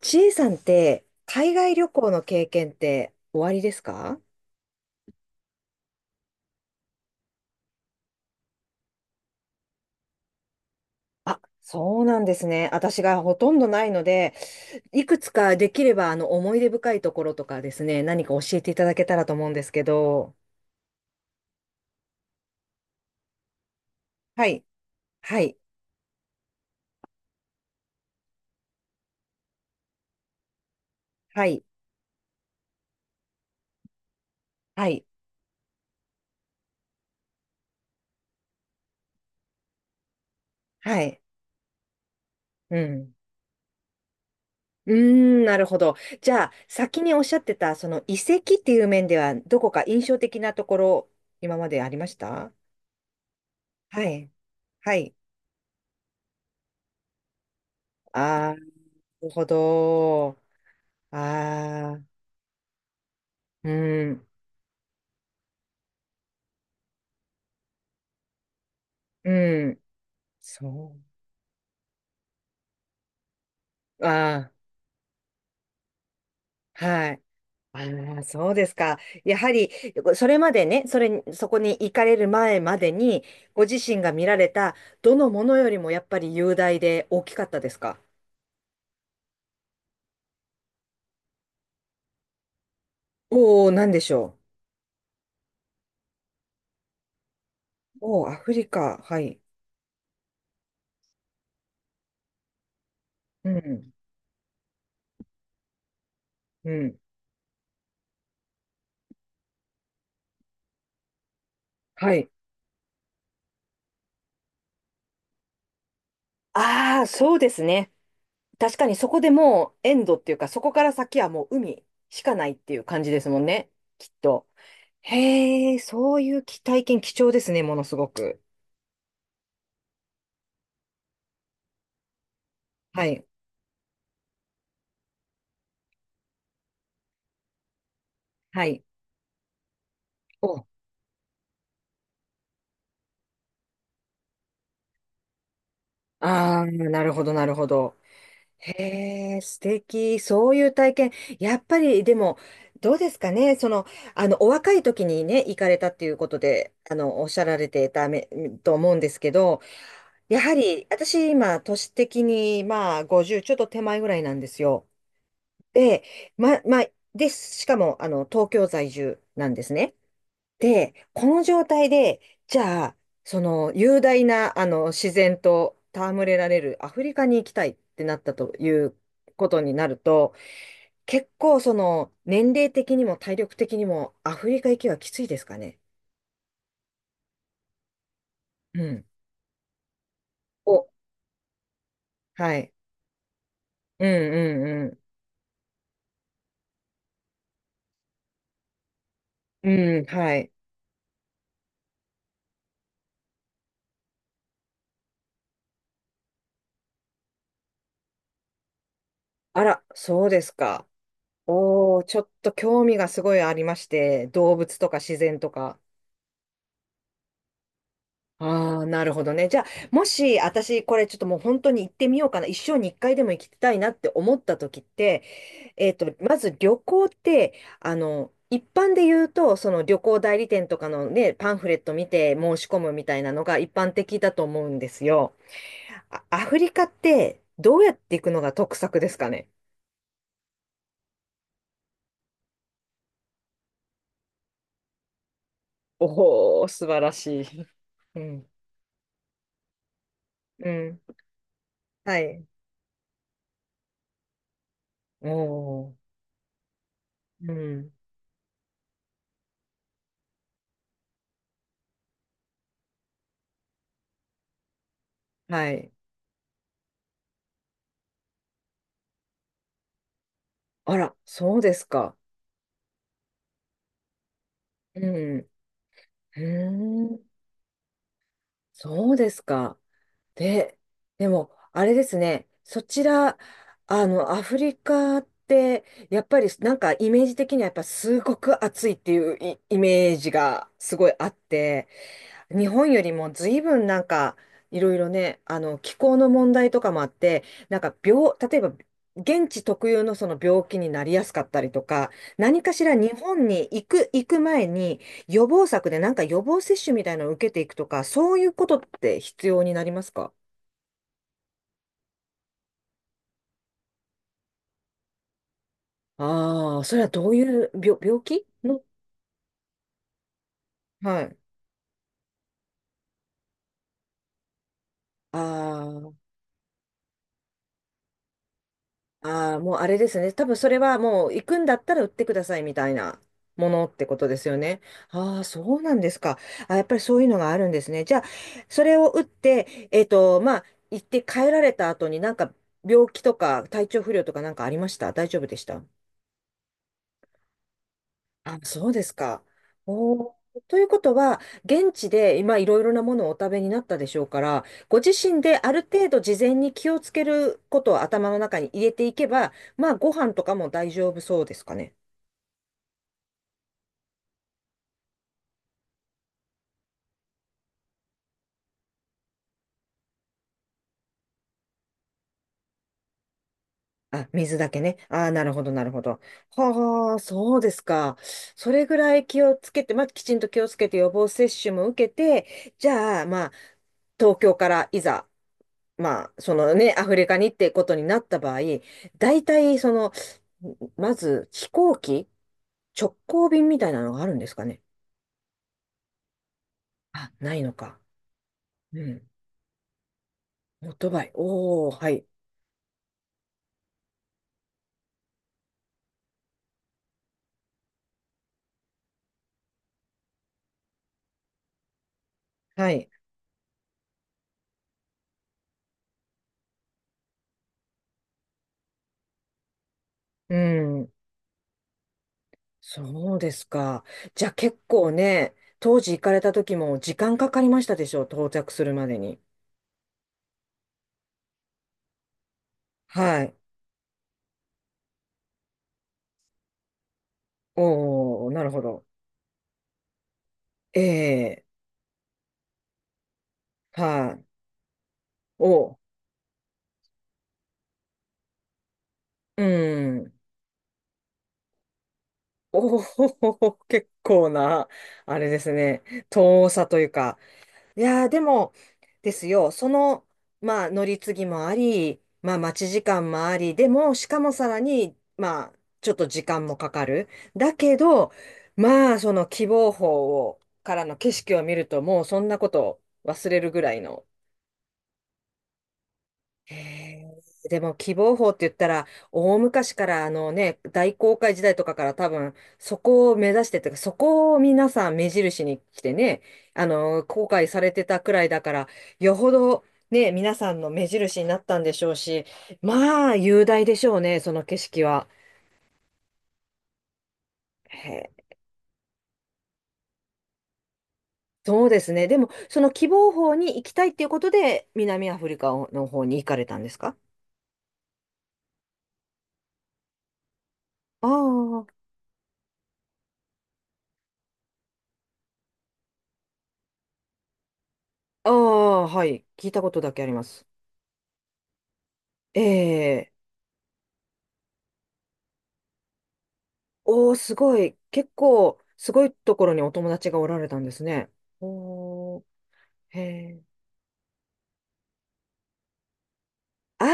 ちえさんって、海外旅行の経験っておありですか？あ、そうなんですね。私がほとんどないので、いくつかできれば、思い出深いところとかですね、何か教えていただけたらと思うんですけど。はい、はい、はい、はい、はい。うん。うーん、なるほど。じゃあ、先におっしゃってた、その遺跡っていう面では、どこか印象的なところ、今までありました？はい。はい。ああ、なるほど。ああ、うん、うん、そう、ああ、はい。ああ、そうですか。やはり、それまでね、それに、そこに行かれる前までに、ご自身が見られた、どのものよりもやっぱり雄大で大きかったですか？おおー、なんでしょう。おお、アフリカ。はい。うん、うん、はい。ああ、そうですね。確かにそこでもうエンドっていうか、そこから先はもう海しかないっていう感じですもんね。きっと。へえ、そういう体験貴重ですね、ものすごく。はい。はい。お、ああ、なるほど、なるほど。へえ、素敵。そういう体験。やっぱり、でも、どうですかね。その、お若い時にね、行かれたっていうことで、おっしゃられてため、と思うんですけど、やはり、私、今、年的に、まあ、50ちょっと手前ぐらいなんですよ。で、まあ、で、しかも、東京在住なんですね。で、この状態で、じゃあ、その雄大なあの自然と戯れられるアフリカに行きたいってなったということになると、結構その年齢的にも体力的にもアフリカ行きはきついですかね。うん。お、はい。うんうんうん。うん、はい。あら、そうですか。おー、ちょっと興味がすごいありまして、動物とか自然とか。ああ、なるほどね。じゃあ、もし、私、これちょっともう本当に行ってみようかな。一生に一回でも行きたいなって思った時って、まず旅行って、一般で言うと、その旅行代理店とかのね、パンフレット見て申し込むみたいなのが一般的だと思うんですよ。アフリカって、どうやって行くのが得策ですかね。おおー、素晴らしい。うん。うん。はい。おー。うん。はい。あら、そうですか。うん。うーん、そうですか。で、でも、あれですね、そちら、アフリカって、やっぱりなんかイメージ的にはやっぱすごく暑いっていうイメージがすごいあって、日本よりも随分なんかいろいろね、あの気候の問題とかもあって、なんか例えば現地特有のその病気になりやすかったりとか、何かしら日本に行く前に予防策でなんか予防接種みたいなのを受けていくとか、そういうことって必要になりますか？ああー、それはどういう病気の？はい。ああ。ああ、もうあれですね。多分それはもう行くんだったら売ってくださいみたいなものってことですよね。ああ、そうなんですか。あ、やっぱりそういうのがあるんですね。じゃあ、それを打って、まあ、行って帰られた後になんか病気とか体調不良とかなんかありました？大丈夫でした？あ、そうですか。おー、ということは、現地で今いろいろなものをお食べになったでしょうから、ご自身である程度事前に気をつけることを頭の中に入れていけば、まあご飯とかも大丈夫そうですかね。あ、水だけね。ああ、なるほど、なるほど。はあ、そうですか。それぐらい気をつけて、まあきちんと気をつけて予防接種も受けて、じゃあ、まあ、東京からいざ、まあ、そのね、アフリカにってことになった場合、大体、その、まず飛行機、直行便みたいなのがあるんですかね。あ、ないのか。うん。オートバイ。おー、はい。はい。うん。そうですか。じゃあ結構ね、当時行かれた時も時間かかりましたでしょう、到着するまでに。はい。おー、なるほど。ええ、はい。おー、うん。おお、結構な、あれですね、遠さというか。いやー、でも、ですよ、その、まあ、乗り継ぎもあり、まあ、待ち時間もあり、でも、しかもさらに、まあ、ちょっと時間もかかる。だけど、まあ、その希望峰を、からの景色を見ると、もうそんなこと忘れるぐらいの。へえ。でも希望法って言ったら、大昔から、あのね、大航海時代とかから多分そこを目指してというか、そこを皆さん目印に来てね、あの航海されてたくらいだから、よほどね、皆さんの目印になったんでしょうし、まあ雄大でしょうね、その景色は。へえ。そうですね。でも、その希望法に行きたいっていうことで南アフリカの方に行かれたんですか？ああ、ああ、はい。聞いたことだけあります。ええ。おー、すごい。結構、すごいところにお友達がおられたんですね。おー、へえ。あ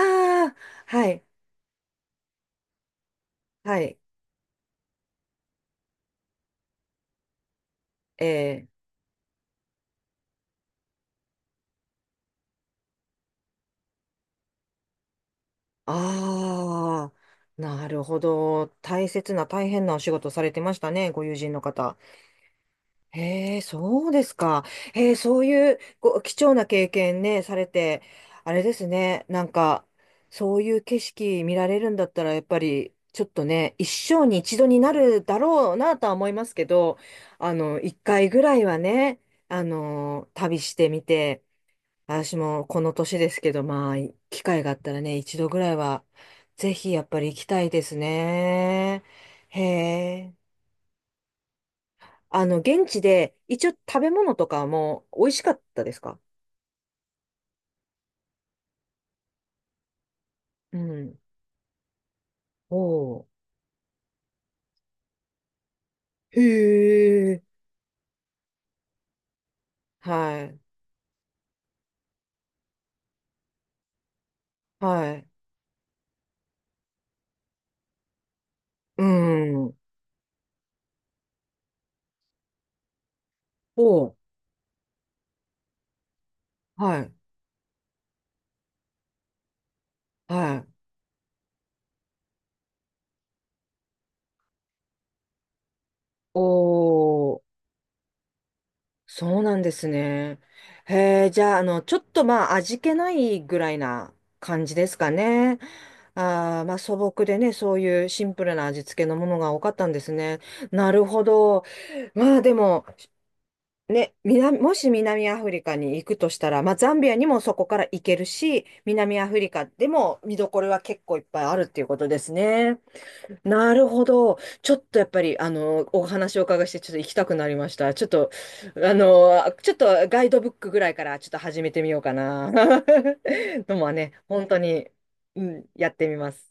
あ、はい、はい。ええ。ああ、なるほど。大切な、大変なお仕事されてましたね、ご友人の方。へえ、そうですか。へえ、そういうご貴重な経験ね、されて、あれですね、なんか、そういう景色見られるんだったら、やっぱり、ちょっとね、一生に一度になるだろうなとは思いますけど、一回ぐらいはね、旅してみて、私もこの年ですけど、まあ、機会があったらね、一度ぐらいは、ぜひやっぱり行きたいですね。へえ。現地で、一応食べ物とかも美味しかったですか？うん。おー。へえ。はい。はい。うん。おー。はい。はい。おー。そうなんですね。へえ、じゃあ、あの、ちょっとまあ、味気ないぐらいな感じですかね。ああ、まあ、素朴でね、そういうシンプルな味付けのものが多かったんですね。なるほど。まあ、でも、ね、南、もし南アフリカに行くとしたら、まあ、ザンビアにもそこから行けるし、南アフリカでも見どころは結構いっぱいあるっていうことですね。なるほど。ちょっとやっぱり、お話をお伺いして、ちょっと行きたくなりました。ちょっと、ちょっとガイドブックぐらいからちょっと始めてみようかな。のもね、本当に。うん、やってみます。